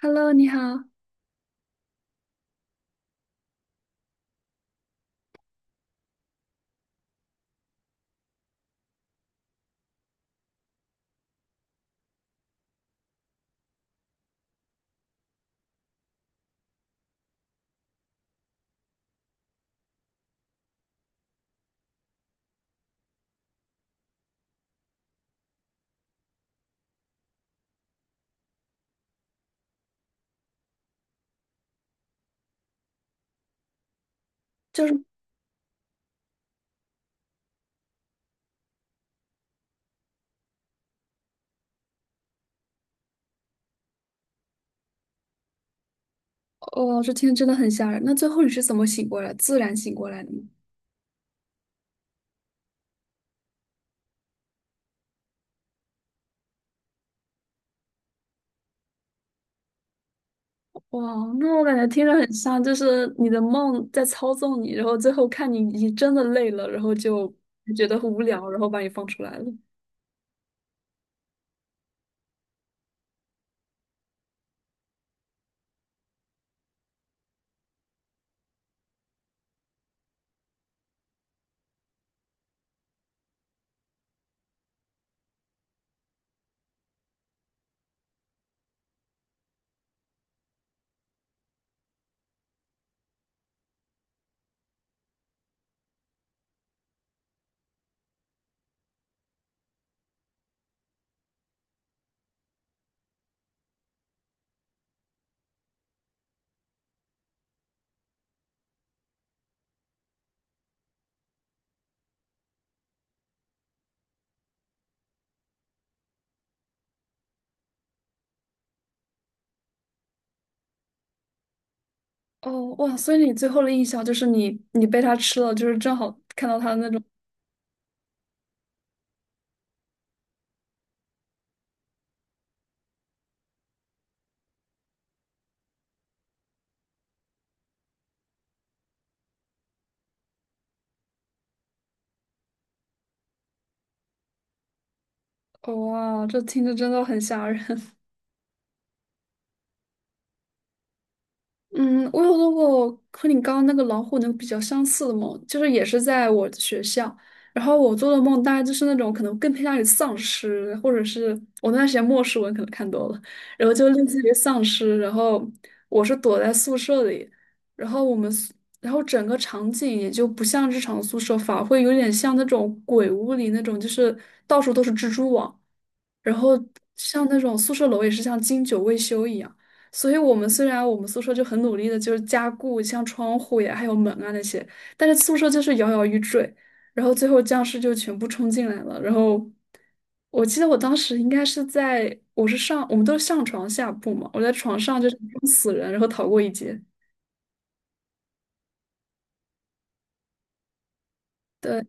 Hello，你好，就是哦，这听着真的很吓人。那最后你是怎么醒过来，自然醒过来的吗？哇，那我感觉听着很像，就是你的梦在操纵你，然后最后看你已经真的累了，然后就觉得很无聊，然后把你放出来了。哦，哇，所以你最后的印象就是你被它吃了，就是正好看到它的那种。哦，哇，这听着真的很吓人。嗯，我有做过和你刚刚那个老虎那个比较相似的梦，就是也是在我的学校，然后我做的梦大概就是那种可能更偏向于丧尸，或者是我那段时间末世文可能看多了，然后就类似于丧尸，然后我是躲在宿舍里，然后我们宿然后整个场景也就不像日常宿舍，反而会有点像那种鬼屋里那种，就是到处都是蜘蛛网。然后像那种宿舍楼也是像经久未修一样，所以我们虽然我们宿舍就很努力的就是加固，像窗户呀还有门啊那些，但是宿舍就是摇摇欲坠，然后最后僵尸就全部冲进来了。然后我记得我当时应该是在，我们都是上床下铺嘛，我在床上就是装死人，然后逃过一劫。对。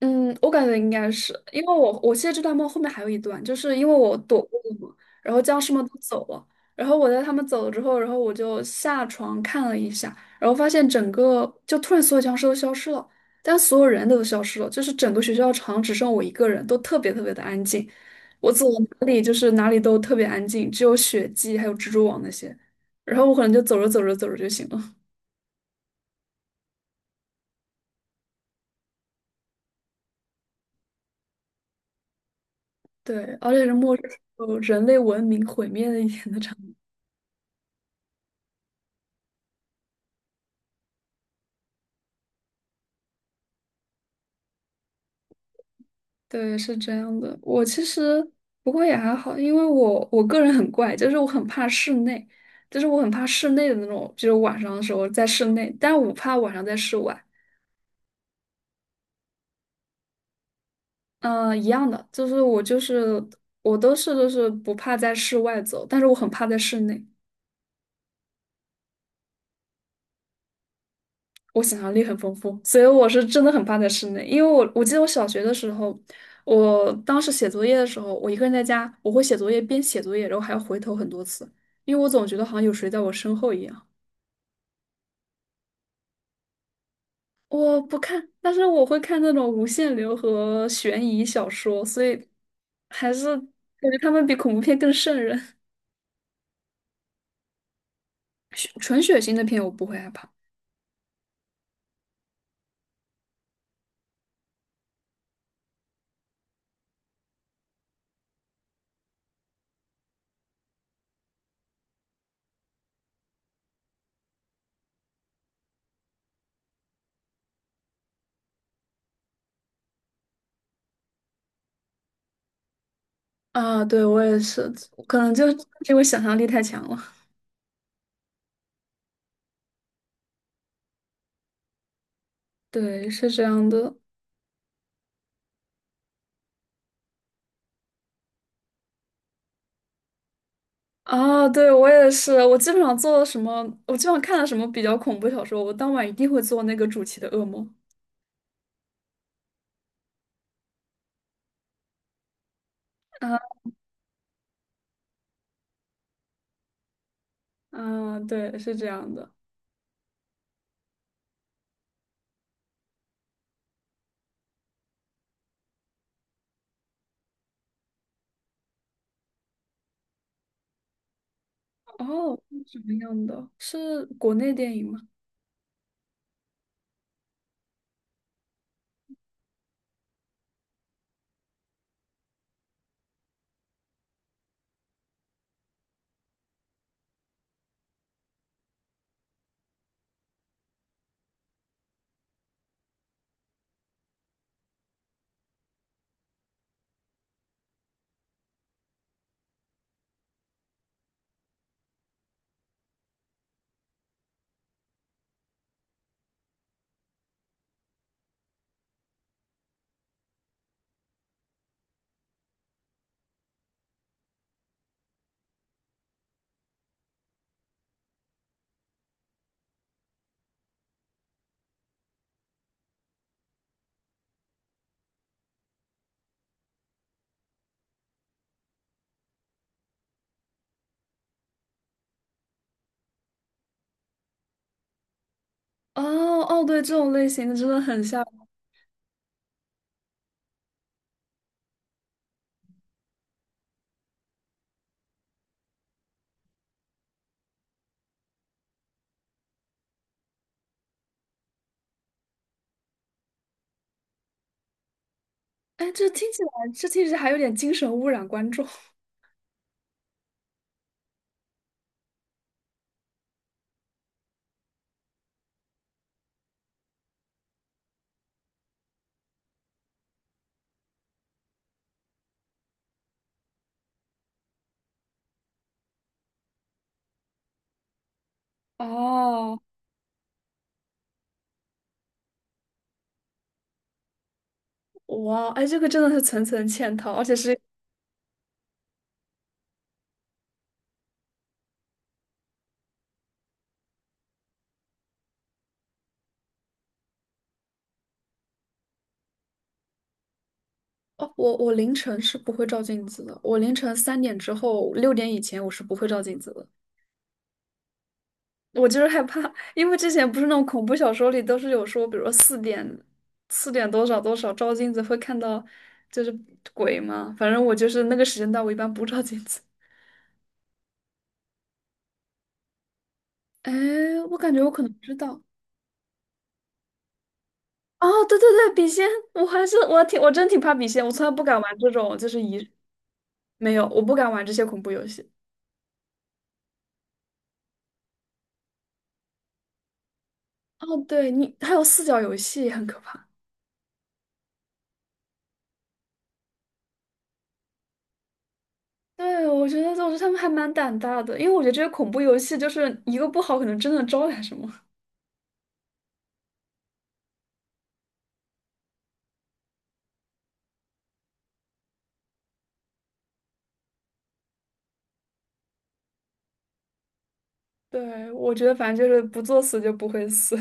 嗯，我感觉应该是，因为我现在这段梦后面还有一段，就是因为我躲过了嘛，然后僵尸们都走了，然后我在他们走了之后，然后我就下床看了一下，然后发现整个就突然所有僵尸都消失了，但所有人都消失了，就是整个学校场只剩我一个人，都特别特别的安静，我走到哪里就是哪里都特别安静，只有血迹还有蜘蛛网那些，然后我可能就走着走着走着就醒了，对，而且是末日时候人类文明毁灭的一天的场景。对，是这样的。我其实不过也还好，因为我个人很怪，就是我很怕室内，就是我很怕室内的那种，就是晚上的时候在室内，但我不怕晚上在室外。嗯、一样的，就是我都是就是不怕在室外走，但是我很怕在室内。我想象力很丰富，所以我是真的很怕在室内，因为我记得我小学的时候，我当时写作业的时候，我一个人在家，我会写作业边写作业，然后还要回头很多次，因为我总觉得好像有谁在我身后一样。我不看，但是我会看那种无限流和悬疑小说，所以还是感觉他们比恐怖片更瘆人。血纯血腥的片我不会害怕啊，对我也是，可能就是因为想象力太强了。对，是这样的啊，对我也是，我基本上做了什么，我基本上看了什么比较恐怖小说，我当晚一定会做那个主题的噩梦。啊啊，对，是这样的。哦，是什么样的？是国内电影吗？哦哦，对，这种类型的真的很像。哎，这听起来，这听起来还有点精神污染观众。哦，哇，哎，这个真的是层层嵌套，而且是哦，我凌晨是不会照镜子的，我凌晨3点之后、6点以前我是不会照镜子的。我就是害怕，因为之前不是那种恐怖小说里都是有说，比如说四点、四点多少多少照镜子会看到就是鬼嘛。反正我就是那个时间段，我一般不照镜子。哎，我感觉我可能知道，哦，对对对，笔仙，我还是我真挺怕笔仙，我从来不敢玩这种，就是一没有，我不敢玩这些恐怖游戏。哦，对你还有四角游戏也很可怕。对，我觉得他们还蛮胆大的，因为我觉得这些恐怖游戏就是一个不好，可能真的招来什么。对，我觉得反正就是不作死就不会死。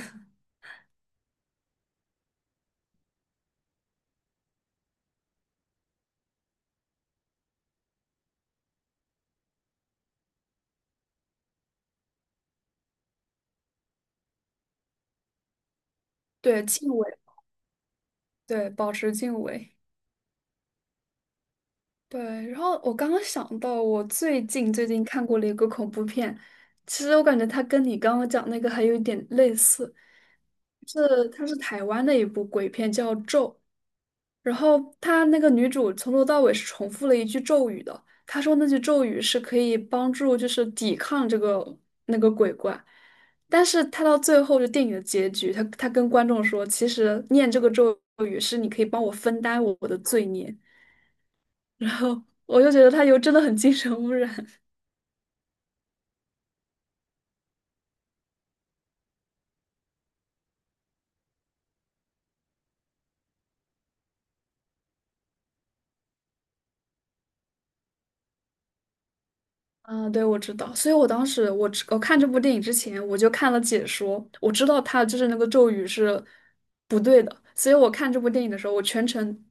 对，敬畏，对，保持敬畏。对，然后我刚刚想到，我最近看过了一个恐怖片，其实我感觉它跟你刚刚讲那个还有一点类似，是它是台湾的一部鬼片叫《咒》，然后它那个女主从头到尾是重复了一句咒语的，她说那句咒语是可以帮助就是抵抗这个那个鬼怪，但是她到最后就电影的结局，她跟观众说，其实念这个咒语是你可以帮我分担我的罪孽。然后我就觉得他有真的很精神污染。啊，对，我知道，所以我当时我看这部电影之前，我就看了解说，我知道他就是那个咒语是不对的，所以我看这部电影的时候，我全程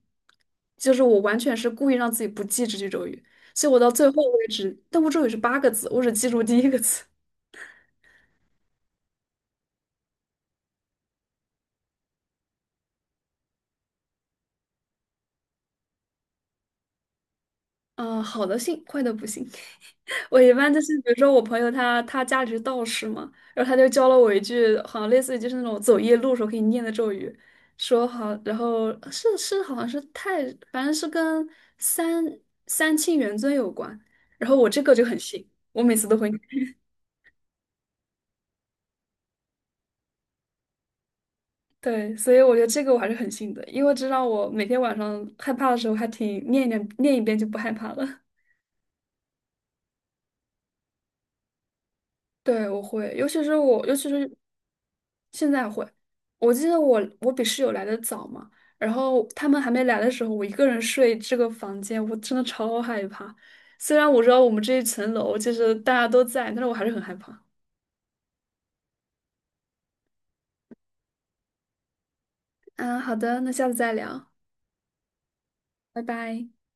就是我完全是故意让自己不记这句咒语，所以我到最后为止，那部咒语是八个字，我只记住第一个字，啊，好的信，坏的不信。我一般就是，比如说我朋友他家里是道士嘛，然后他就教了我一句，好像类似于就是那种走夜路时候可以念的咒语，说好，然后是是好像是太，反正是跟三三清元尊有关，然后我这个就很信，我每次都会念对，所以我觉得这个我还是很信的，因为知道我每天晚上害怕的时候还挺念一念念一遍就不害怕了。对，我会，尤其是我，尤其是现在会，我记得我比室友来的早嘛，然后他们还没来的时候，我一个人睡这个房间，我真的超害怕。虽然我知道我们这一层楼就是大家都在，但是我还是很害怕。嗯，好的，那下次再聊，拜拜。